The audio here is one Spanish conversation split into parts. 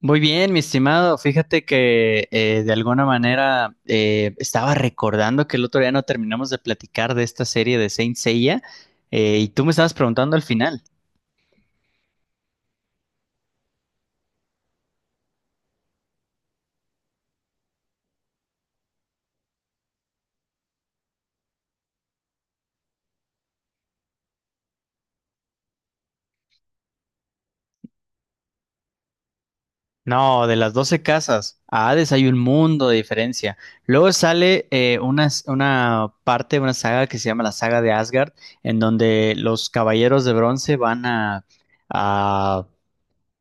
Muy bien, mi estimado. Fíjate que de alguna manera estaba recordando que el otro día no terminamos de platicar de esta serie de Saint Seiya y tú me estabas preguntando al final. No, de las 12 casas a Hades hay un mundo de diferencia. Luego sale una parte, una saga que se llama la saga de Asgard, en donde los caballeros de bronce van a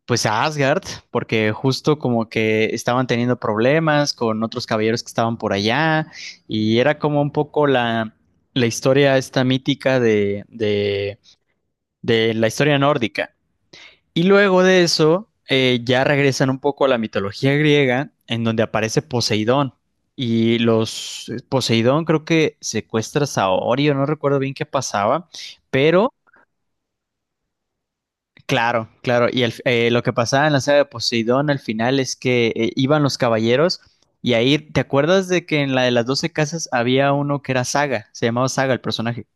pues a Asgard, porque justo como que estaban teniendo problemas con otros caballeros que estaban por allá y era como un poco la historia esta mítica de la historia nórdica. Y luego de eso ya regresan un poco a la mitología griega en donde aparece Poseidón y los Poseidón creo que secuestra a Saorio, no recuerdo bien qué pasaba, pero claro, claro. Y lo que pasaba en la saga de Poseidón al final es que iban los caballeros y ahí, ¿te acuerdas de que en la de las 12 casas había uno que era Saga? Se llamaba Saga el personaje.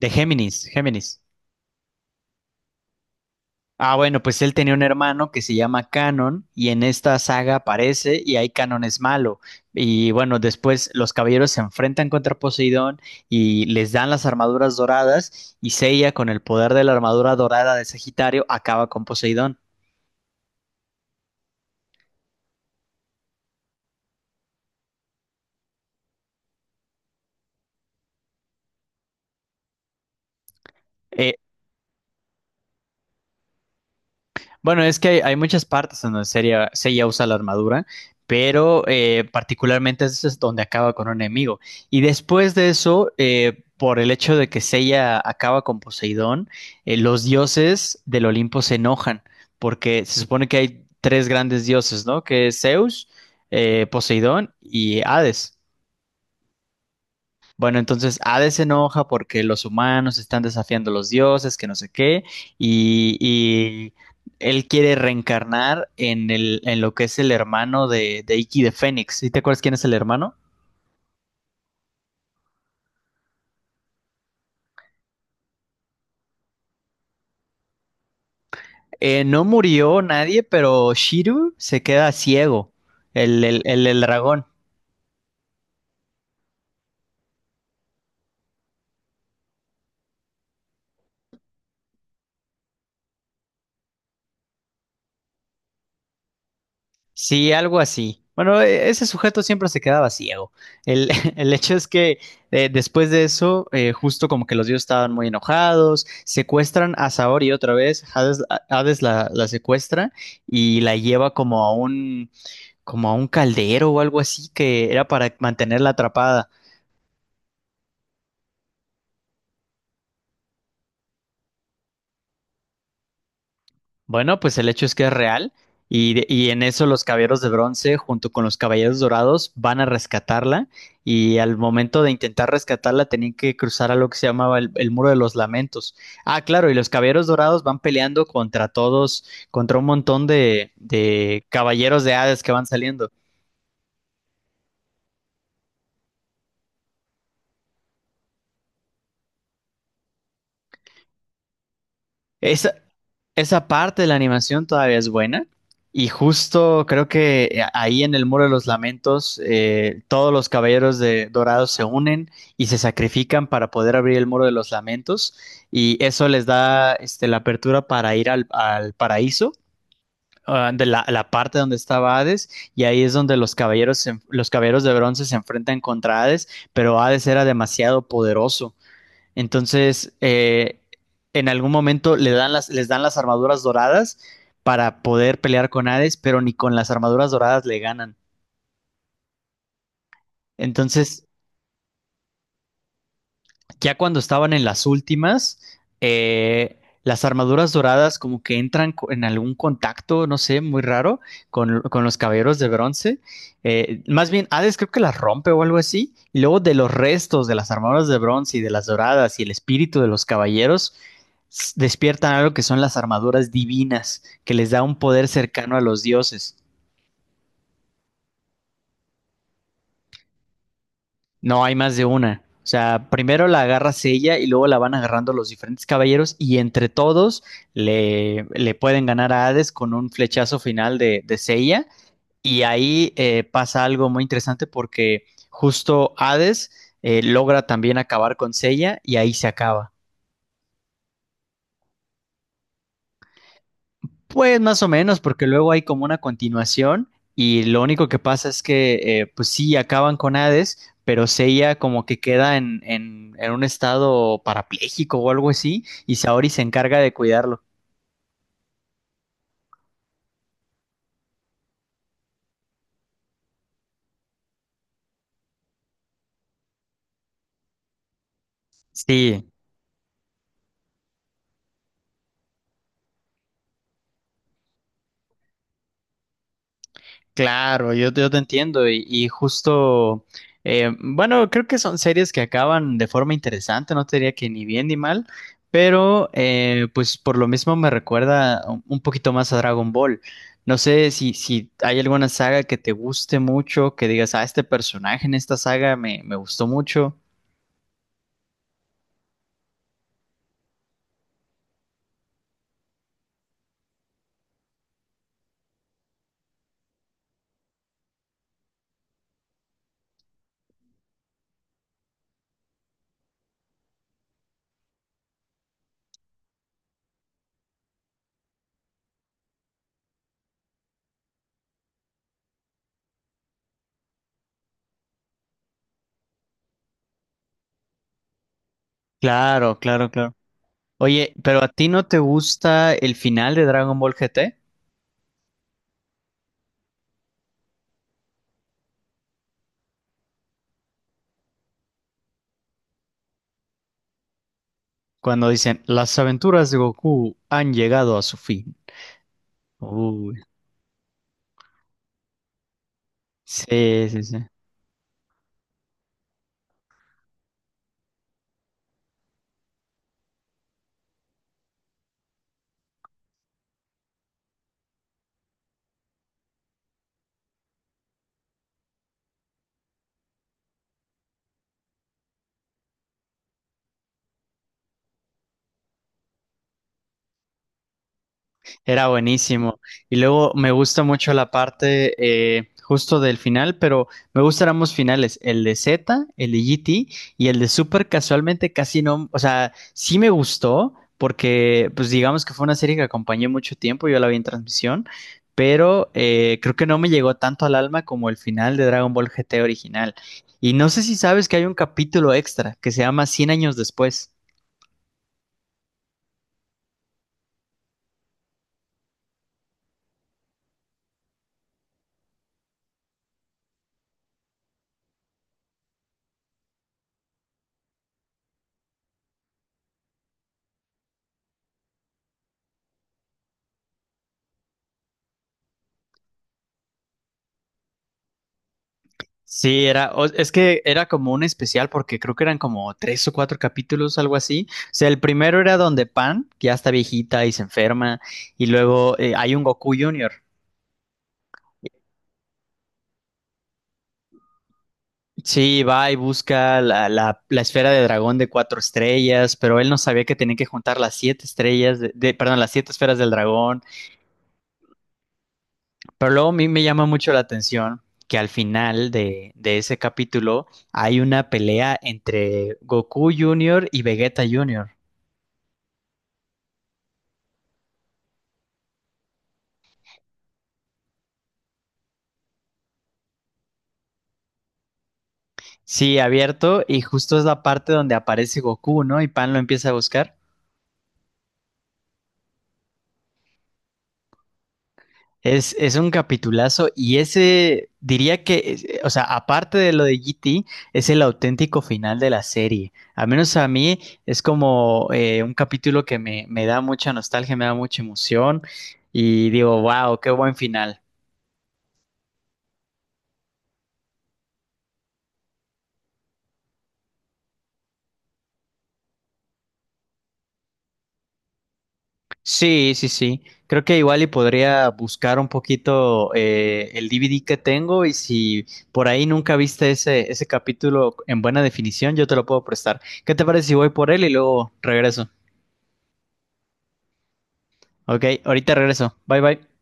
De Géminis, Géminis. Ah, bueno, pues él tenía un hermano que se llama Canon y en esta saga aparece y ahí Canon es malo. Y bueno, después los caballeros se enfrentan contra Poseidón y les dan las armaduras doradas y Seiya con el poder de la armadura dorada de Sagitario acaba con Poseidón. Eh, Bueno, es que hay muchas partes en donde Seiya, Seiya usa la armadura, pero particularmente ese es donde acaba con un enemigo. Y después de eso, por el hecho de que Seiya acaba con Poseidón, los dioses del Olimpo se enojan, porque se supone que hay tres grandes dioses, ¿no? Que es Zeus, Poseidón y Hades. Bueno, entonces Hades se enoja porque los humanos están desafiando a los dioses, que no sé qué, y él quiere reencarnar en en lo que es el hermano de Iki de Fénix. ¿Sí te acuerdas quién es el hermano? No murió nadie, pero Shiru se queda ciego, el dragón. Sí, algo así. Bueno, ese sujeto siempre se quedaba ciego. El, el hecho es que después de eso, justo como que los dioses estaban muy enojados, secuestran a Saori otra vez, Hades la secuestra y la lleva como a un, caldero o algo así que era para mantenerla atrapada. Bueno, pues el hecho es que es real y en eso los caballeros de bronce junto con los caballeros dorados van a rescatarla y al momento de intentar rescatarla tenían que cruzar a lo que se llamaba el Muro de los Lamentos. Ah, claro, y los caballeros dorados van peleando contra todos, contra un montón de caballeros de Hades que van saliendo. Esa, esa parte de la animación todavía es buena. Y justo creo que ahí en el Muro de los Lamentos, todos los caballeros de Dorados se unen y se sacrifican para poder abrir el Muro de los Lamentos. Y eso les da la apertura para ir al paraíso, ah, de la parte donde estaba Hades. Y ahí es donde los caballeros, los caballeros de bronce se enfrentan contra Hades, pero Hades era demasiado poderoso. Entonces, en algún momento les dan las armaduras doradas para poder pelear con Hades, pero ni con las armaduras doradas le ganan. Entonces, ya cuando estaban en las últimas, eh, las armaduras doradas como que entran en algún contacto, no sé, muy raro, con los caballeros de bronce. Más bien, Hades creo que las rompe o algo así. Y luego de los restos de las armaduras de bronce y de las doradas y el espíritu de los caballeros, despiertan algo que son las armaduras divinas, que les da un poder cercano a los dioses. No, hay más de una. O sea, primero la agarras ella y luego la van agarrando los diferentes caballeros y entre todos le pueden ganar a Hades con un flechazo final de Seiya. Y ahí pasa algo muy interesante porque justo Hades logra también acabar con Seiya y ahí se acaba. Pues más o menos, porque luego hay como una continuación y lo único que pasa es que, pues sí, acaban con Hades, pero Seiya como que queda en, en un estado parapléjico o algo así y Saori se encarga de cuidarlo. Sí, claro, yo te entiendo y justo, bueno, creo que son series que acaban de forma interesante, no te diría que ni bien ni mal, pero pues por lo mismo me recuerda un poquito más a Dragon Ball. No sé si hay alguna saga que te guste mucho, que digas, ah, este personaje en esta saga me gustó mucho. Claro, claro, claro. Oye, pero ¿a ti no te gusta el final de Dragon Ball GT? Cuando dicen, las aventuras de Goku han llegado a su fin. Uy. Sí, sí, sí. Era buenísimo. Y luego me gusta mucho la parte justo del final, pero me gustan ambos finales, el de Z, el de GT y el de Super casualmente casi no, o sea, sí me gustó porque pues digamos que fue una serie que acompañé mucho tiempo, yo la vi en transmisión, pero creo que no me llegó tanto al alma como el final de Dragon Ball GT original. Y no sé si sabes que hay un capítulo extra que se llama Cien años después. Sí, era, es que era como un especial porque creo que eran como tres o cuatro capítulos, algo así. O sea, el primero era donde Pan, que ya está viejita y se enferma, y luego hay un Goku Junior. Sí, va y busca la, la esfera de dragón de cuatro estrellas, pero él no sabía que tenía que juntar las siete estrellas, perdón, las siete esferas del dragón. Pero luego a mí me llama mucho la atención que al final de ese capítulo hay una pelea entre Goku Junior y Vegeta Junior. Sí, abierto y justo es la parte donde aparece Goku, ¿no? Y Pan lo empieza a buscar. Es un capitulazo y ese diría que, o sea, aparte de lo de GT, es el auténtico final de la serie. Al menos a mí es como un capítulo que me da mucha nostalgia, me da mucha emoción y digo, wow, qué buen final. Sí, sí, sí. Creo que igual y podría buscar un poquito el DVD que tengo y si por ahí nunca viste ese capítulo en buena definición, yo te lo puedo prestar. ¿Qué te parece si voy por él y luego regreso? Ok, ahorita regreso. Bye bye.